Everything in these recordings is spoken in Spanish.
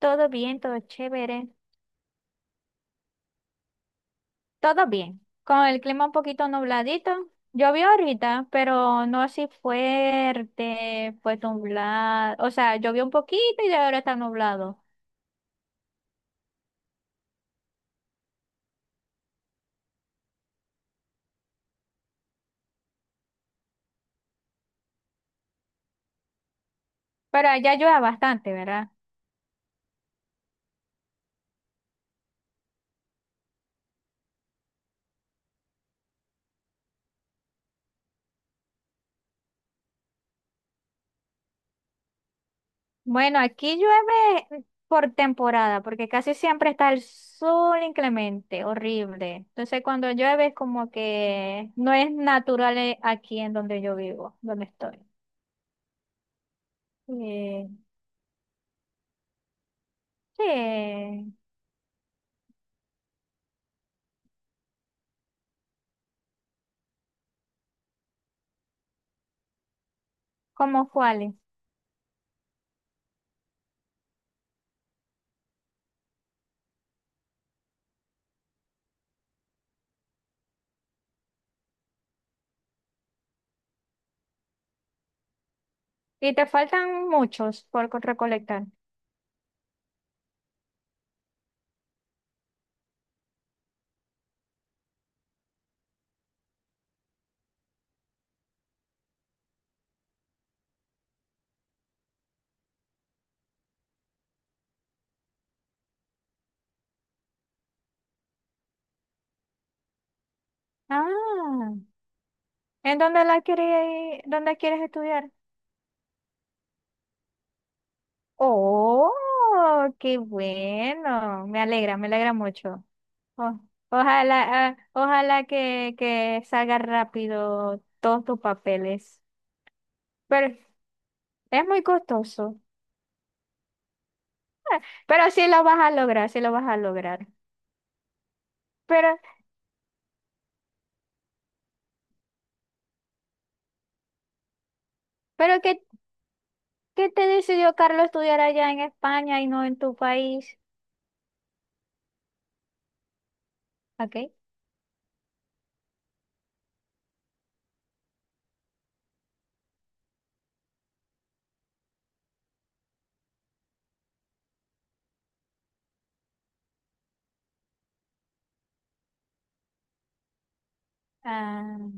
Todo bien, todo chévere, todo bien. Con el clima un poquito nubladito. Llovió ahorita, pero no así fuerte, pues nublado. O sea, llovió un poquito y ahora está nublado. Pero allá llueve bastante, ¿verdad? Bueno, aquí llueve por temporada, porque casi siempre está el sol inclemente, horrible. Entonces, cuando llueve es como que no es natural aquí en donde yo vivo, donde estoy. Eh, sí, como cuáles. Y te faltan muchos por recolectar. Ah, ¿en dónde la quieres, dónde quieres estudiar? Oh, qué bueno. Me alegra mucho. O- ojalá, ojalá que salga rápido todos tus papeles. Pero es muy costoso. Ah, pero sí lo vas a lograr, sí lo vas a lograr. Pero, pero ¿qué, qué te decidió Carlos estudiar allá en España y no en tu país? Ok. Ah,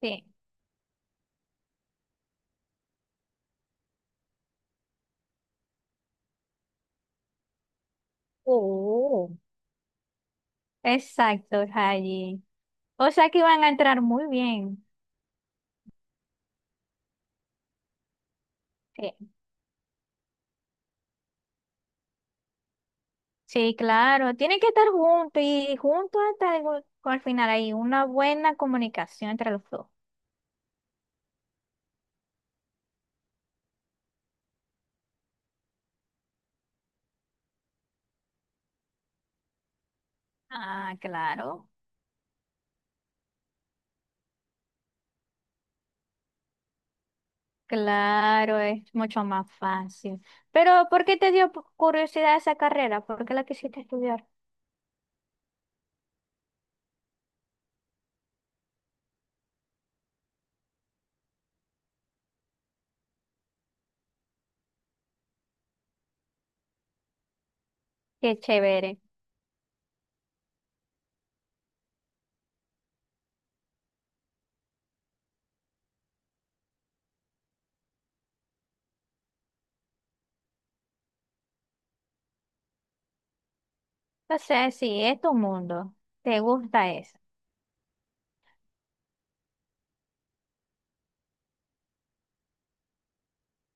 sí. Oh. Exacto, Rayi. O sea que van a entrar muy bien. Sí, sí, claro. Tienen que estar juntos y juntos hasta el, al final hay una buena comunicación entre los dos. Ah, claro. Claro, es mucho más fácil. Pero, ¿por qué te dio curiosidad esa carrera? ¿Por qué la quisiste estudiar? Qué chévere. O sea, sí, es tu mundo. Te gusta eso.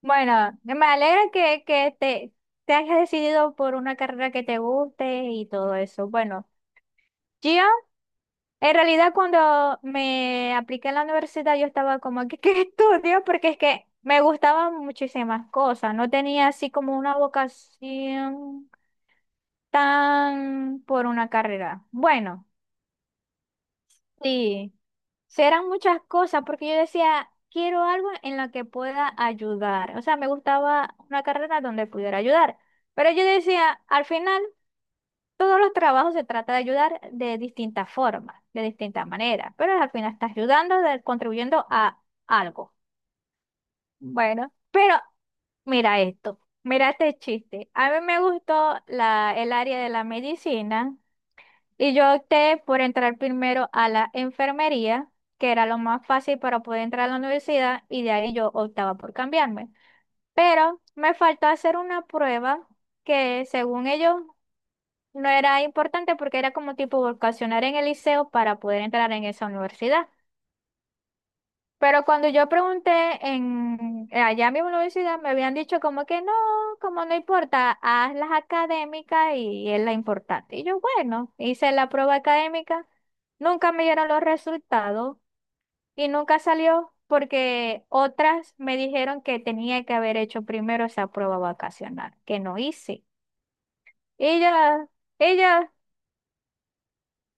Bueno, me alegra que, que te hayas decidido por una carrera que te guste y todo eso. Bueno, yo en realidad cuando me apliqué a la universidad yo estaba como, que ¿qué estudio? Porque es que me gustaban muchísimas cosas. No tenía así como una vocación tan por una carrera. Bueno. Sí, serán muchas cosas porque yo decía, quiero algo en lo que pueda ayudar. O sea, me gustaba una carrera donde pudiera ayudar. Pero yo decía, al final, todos los trabajos se trata de ayudar de distintas formas, de distintas maneras. Pero al final estás ayudando, contribuyendo a algo. Bueno, pero mira esto, mira este chiste. A mí me gustó la, el área de la medicina y yo opté por entrar primero a la enfermería, que era lo más fácil para poder entrar a la universidad, y de ahí yo optaba por cambiarme. Pero me faltó hacer una prueba que según ellos no era importante porque era como tipo vocacionar en el liceo para poder entrar en esa universidad. Pero cuando yo pregunté en, allá mismo en la universidad, me habían dicho como que no, como no importa, haz las académicas y es la importante. Y yo, bueno, hice la prueba académica, nunca me dieron los resultados y nunca salió porque otras me dijeron que tenía que haber hecho primero esa prueba vacacional, que no hice. Ella, ella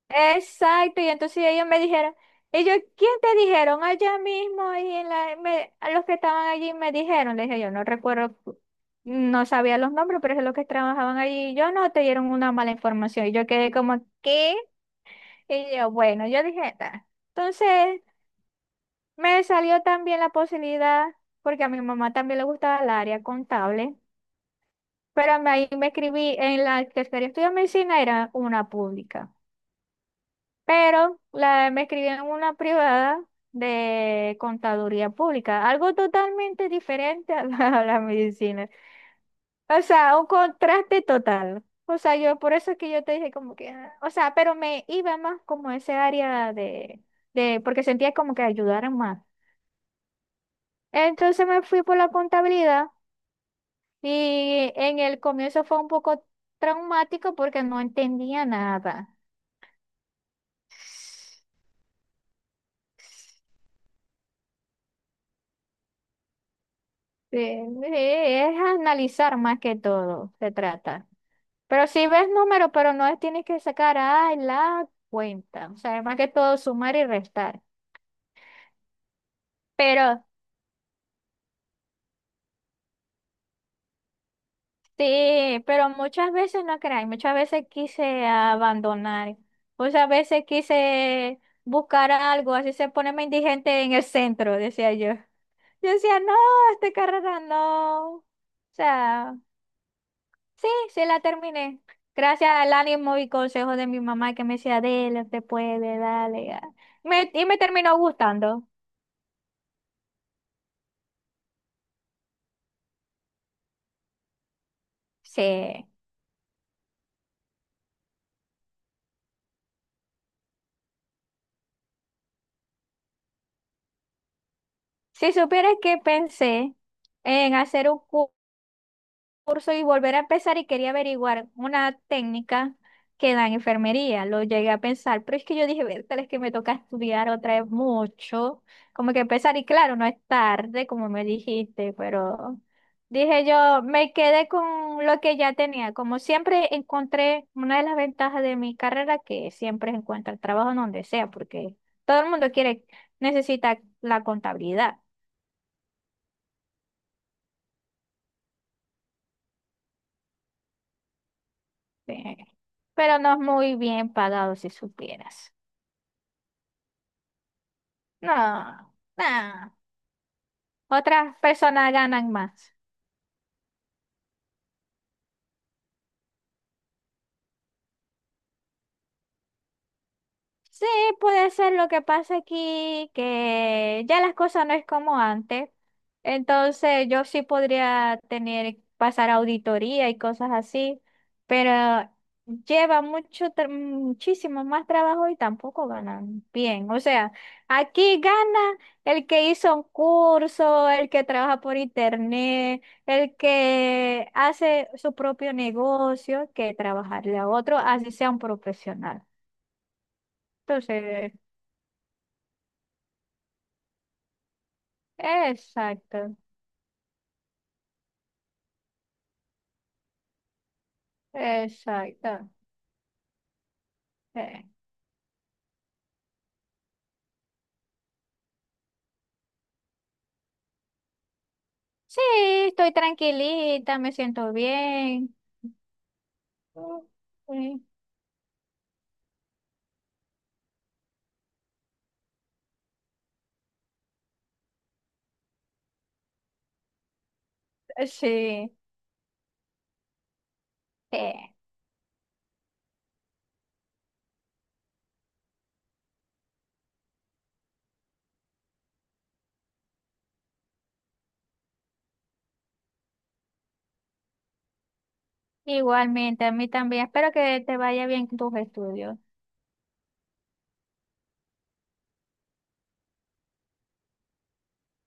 exacto, y entonces ellos me dijeron, ellos, ¿quién te dijeron allá mismo? Ahí en la, a los que estaban allí me dijeron, les dije, yo no recuerdo, no sabía los nombres, pero es los que trabajaban allí, y yo no te dieron una mala información, y yo quedé como, ¿qué? Y yo, bueno, yo dije, "Ta". Entonces me salió también la posibilidad, porque a mi mamá también le gustaba el área contable, pero ahí me escribí, en la que quería estudiar medicina era una pública. Pero la, me escribieron una privada de contaduría pública, algo totalmente diferente a la medicina. O sea, un contraste total. O sea, yo por eso es que yo te dije como que, ah, o sea, pero me iba más como a ese área de, porque sentía como que ayudaran más. Entonces me fui por la contabilidad y en el comienzo fue un poco traumático porque no entendía nada. Sí, sí, es analizar más que todo, se trata. Pero si ves número, pero no tienes que sacar ay, la cuenta. O sea, más que todo sumar y restar. Pero sí, pero muchas veces no creáis, muchas veces quise abandonar. Muchas veces quise buscar algo, así se ponerme indigente en el centro, decía yo. Yo decía, no, esta carrera no. O sea, sí, sí la terminé. Gracias al ánimo y consejo de mi mamá que me decía, dele, te puede, dale. Ah". Y me terminó gustando. Sí. Si supieras que pensé en hacer un curso y volver a empezar y quería averiguar una técnica que da en enfermería, lo llegué a pensar, pero es que yo dije, tal es que me toca estudiar otra vez mucho, como que empezar y claro, no es tarde, como me dijiste, pero dije yo, me quedé con lo que ya tenía, como siempre encontré una de las ventajas de mi carrera que siempre encuentra el trabajo en donde sea, porque todo el mundo quiere, necesita la contabilidad. Sí, pero no es muy bien pagado si supieras. No, no. Otras personas ganan más. Sí, puede ser lo que pasa aquí, que ya las cosas no es como antes. Entonces yo sí podría tener, pasar auditoría y cosas así, pero lleva mucho, muchísimo más trabajo y tampoco ganan bien. O sea, aquí gana el que hizo un curso, el que trabaja por internet, el que hace su propio negocio, que trabajarle a otro, así sea un profesional. Entonces... exacto, exacto. Eh, sí, estoy tranquilita, me siento bien. Sí, sí, sí. Igualmente, a mí también. Espero que te vaya bien con tus estudios.